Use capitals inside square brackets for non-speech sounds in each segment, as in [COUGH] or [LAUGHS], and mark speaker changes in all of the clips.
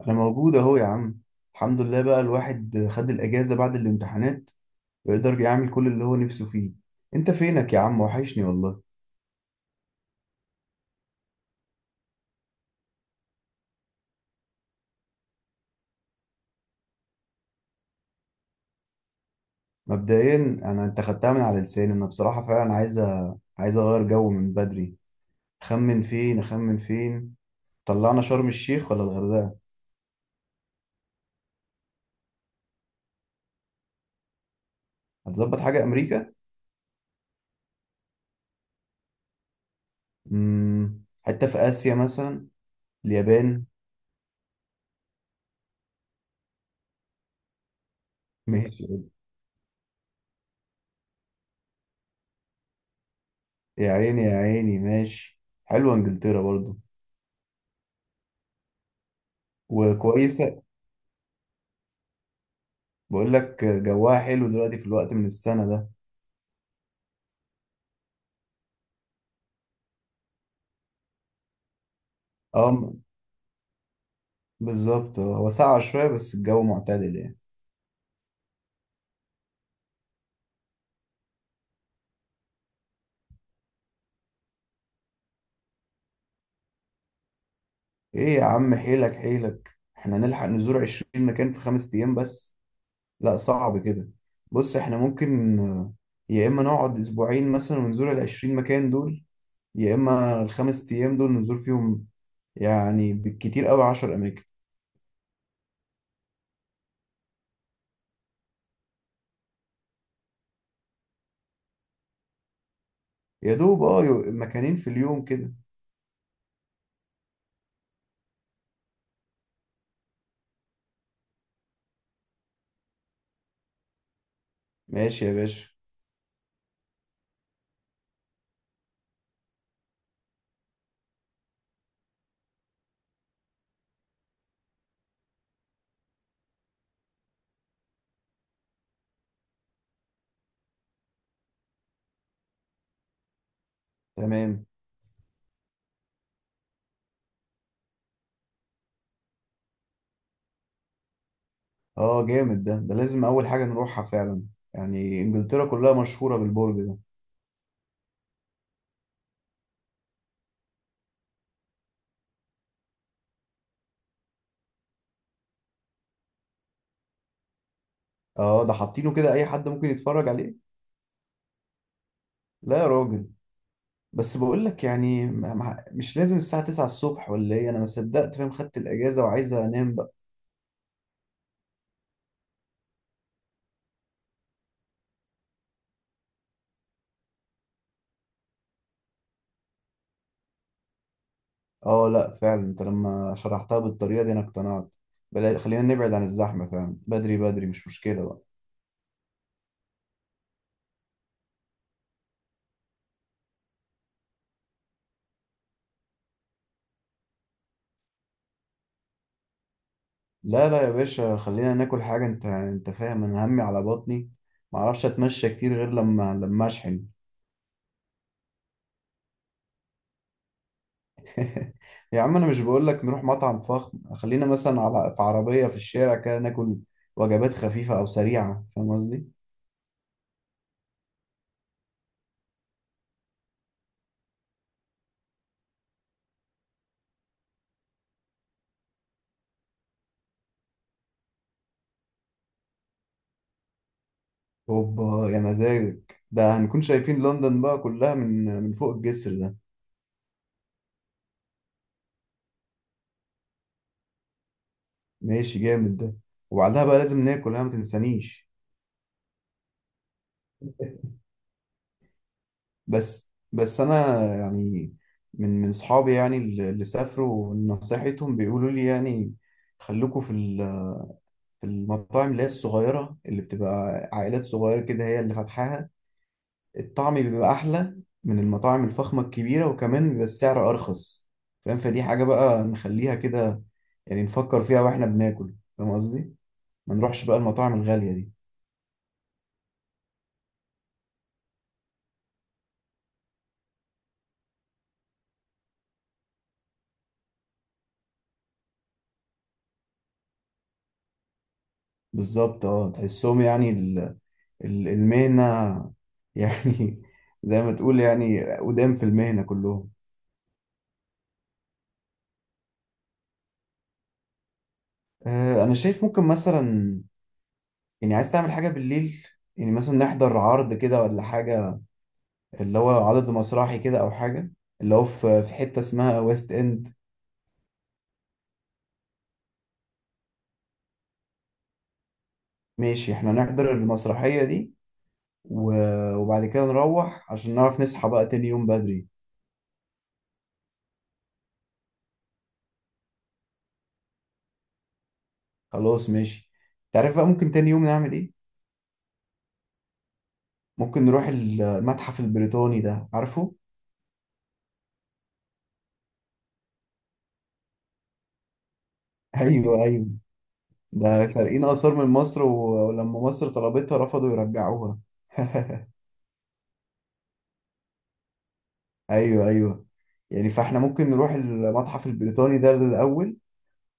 Speaker 1: انا موجود اهو يا عم. الحمد لله بقى الواحد خد الاجازه بعد الامتحانات ويقدر يعمل كل اللي هو نفسه فيه. انت فينك يا عم؟ وحشني والله. مبدئيا انا انت خدتها من على لساني، انا بصراحه فعلا عايز عايز اغير جو من بدري. خمن فين، اخمن فين. طلعنا شرم الشيخ ولا الغردقه؟ هتظبط حاجه امريكا. حته في اسيا مثلا، اليابان. ماشي. يا عيني يا عيني، ماشي. حلوه انجلترا برضو، وكويسه. بقول لك جواها حلو دلوقتي في الوقت من السنة ده. اه م- بالظبط. هو ساقعة شوية بس الجو معتدل يعني. ايه يا عم، حيلك حيلك، احنا نلحق نزور عشرين مكان في خمس ايام بس؟ لا صعب كده. بص احنا ممكن، يا اما نقعد اسبوعين مثلا ونزور العشرين مكان دول، يا اما الخمس ايام دول نزور فيهم يعني بالكتير قوي عشر اماكن. يا دوب اه مكانين في اليوم كده. ماشي يا باشا. تمام. اه جامد ده لازم اول حاجه نروحها فعلا، يعني انجلترا كلها مشهوره بالبرج ده. اه ده حاطينه كده اي حد ممكن يتفرج عليه؟ لا يا راجل. بس بقول لك يعني مش لازم الساعه 9 الصبح ولا ايه، انا ما صدقت فاهم خدت الاجازه وعايز انام بقى. اه لا فعلا، انت لما شرحتها بالطريقه دي انا اقتنعت. بلا خلينا نبعد عن الزحمه فعلا، بدري بدري مش مشكله بقى. لا لا يا باشا، خلينا ناكل حاجه، انت فاهم انا همي على بطني، ما اعرفش اتمشى كتير غير لما اشحن. [LAUGHS] يا عم انا مش بقول لك نروح مطعم فخم، خلينا مثلا على في عربية في الشارع كده ناكل وجبات خفيفة او سريعة، فاهم قصدي. اوبا يا مزاجك، ده هنكون شايفين لندن بقى كلها من فوق الجسر ده. ماشي جامد ده. وبعدها بقى لازم ناكل، ها ما تنسانيش. بس بس انا يعني، من صحابي يعني اللي سافروا نصيحتهم بيقولوا لي يعني، خلوكوا في ال- في المطاعم اللي هي الصغيرة اللي بتبقى عائلات صغيرة كده هي اللي فاتحاها، الطعم بيبقى أحلى من المطاعم الفخمة الكبيرة، وكمان بيبقى السعر أرخص، فاهم. فدي حاجة بقى نخليها كده، يعني نفكر فيها واحنا بناكل، فاهم قصدي؟ ما نروحش بقى المطاعم الغالية دي. بالظبط اه، تحسهم يعني المهنة، [LAUGHS] يعني زي ما تقول يعني قدام في المهنة كلهم. أنا شايف ممكن مثلا، يعني عايز تعمل حاجة بالليل، يعني مثلا نحضر عرض كده ولا حاجة، اللي هو عدد مسرحي كده أو حاجة، اللي هو في حتة اسمها ويست إند. ماشي، احنا نحضر المسرحية دي، وبعد كده نروح عشان نعرف نصحى بقى تاني يوم بدري. خلاص ماشي. تعرف بقى ممكن تاني يوم نعمل ايه؟ ممكن نروح المتحف البريطاني ده، عارفه؟ [LAUGHS] ايوه، ايوه، ده سارقين آثار من مصر، ولما مصر طلبتها رفضوا يرجعوها. [LAUGHS] ايوه، ايوه. يعني فاحنا ممكن نروح المتحف البريطاني ده الأول،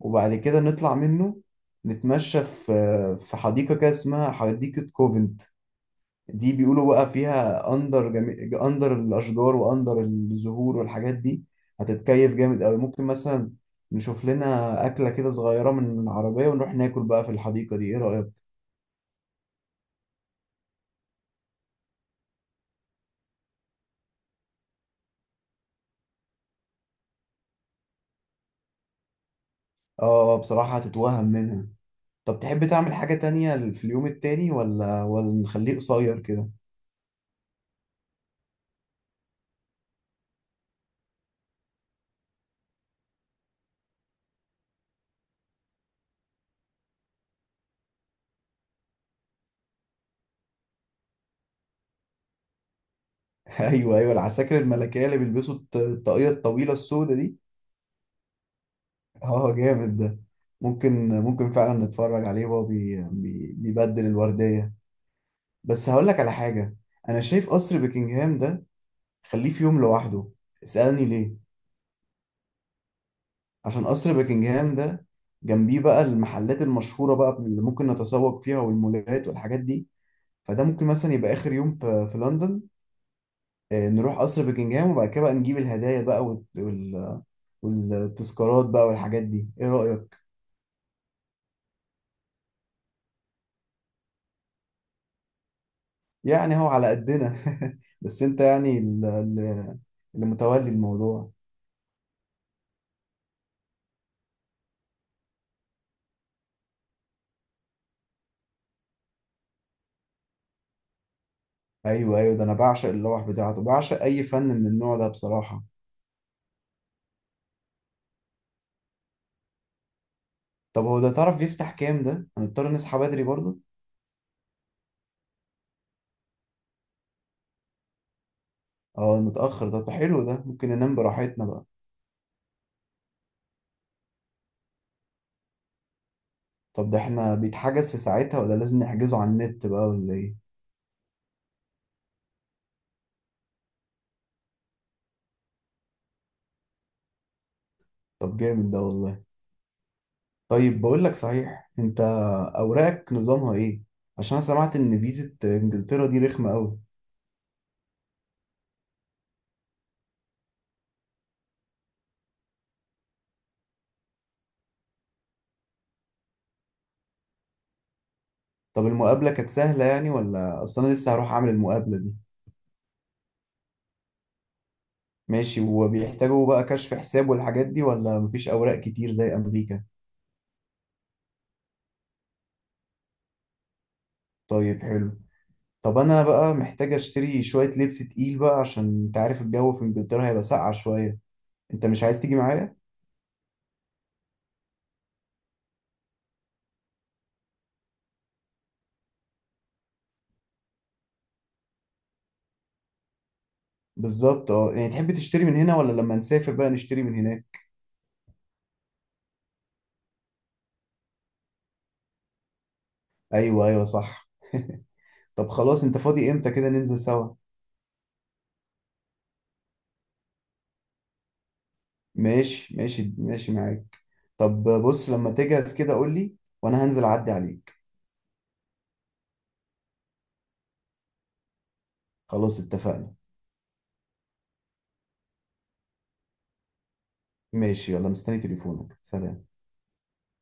Speaker 1: وبعد كده نطلع منه، نتمشى في حديقة كده اسمها حديقة كوفنت، دي بيقولوا بقى فيها اندر الاشجار واندر الزهور والحاجات دي، هتتكيف جامد قوي. ممكن مثلا نشوف لنا اكله كده صغيره من العربيه ونروح ناكل بقى في الحديقه دي، ايه رايك؟ اه بصراحه هتتوهم منها. طب تحب تعمل حاجه تانية في اليوم التاني ولا نخليه قصير كده؟ [LAUGHS] ايوه، ايوه، العساكر الملكيه اللي بيلبسوا الطاقيه الطويله السوداء دي. اه جامد ده. ممكن فعلا نتفرج عليه وهو بيبدل الورديه. بس هقول لك على حاجة، أنا شايف قصر بكنجهام ده خليه في يوم لوحده. اسألني ليه؟ عشان قصر بكنجهام ده، جنبيه بقى المحلات المشهورة بقى اللي ممكن نتسوق فيها والمولات والحاجات دي، فده ممكن مثلا يبقى آخر يوم في لندن، نروح قصر بكنجهام وبعد كده بقى نجيب الهدايا بقى، والتذكارات بقى والحاجات دي، ايه رأيك؟ يعني هو على قدنا، [LAUGHS] بس انت يعني اللي متولي الموضوع. ايوه، ايوه، ده انا بعشق اللوح بتاعته، بعشق اي فن من النوع ده بصراحه. طب هو ده تعرف بيفتح كام؟ ده هنضطر نصحى بدري برضه. اه متاخر ده، طب حلو، ده ممكن ننام براحتنا بقى. طب ده احنا بيتحجز في ساعتها ولا لازم نحجزه على النت بقى ولا ايه؟ طب جامد ده والله. طيب بقول لك صحيح، انت اوراقك نظامها ايه؟ عشان انا سمعت ان فيزة انجلترا دي رخمه قوي. طب المقابله كانت سهله يعني؟ ولا اصل انا لسه هروح اعمل المقابله دي. ماشي، وبيحتاجوا بقى كشف حساب والحاجات دي ولا مفيش اوراق كتير زي امريكا؟ طيب حلو. طب انا بقى محتاج اشتري شوية لبس تقيل بقى، عشان انت عارف الجو في انجلترا هيبقى ساقعة شوية. انت مش عايز تيجي معايا؟ بالظبط اه، يعني تحب تشتري من هنا ولا لما نسافر بقى نشتري من هناك؟ ايوه، ايوه، صح. طب خلاص، انت فاضي امتى كده ننزل سوا؟ ماشي، ماشي، ماشي، معاك. طب بص، لما تجهز كده قول لي وانا هنزل اعدي عليك. خلاص اتفقنا. ماشي، يلا، مستني تليفونك، سلام.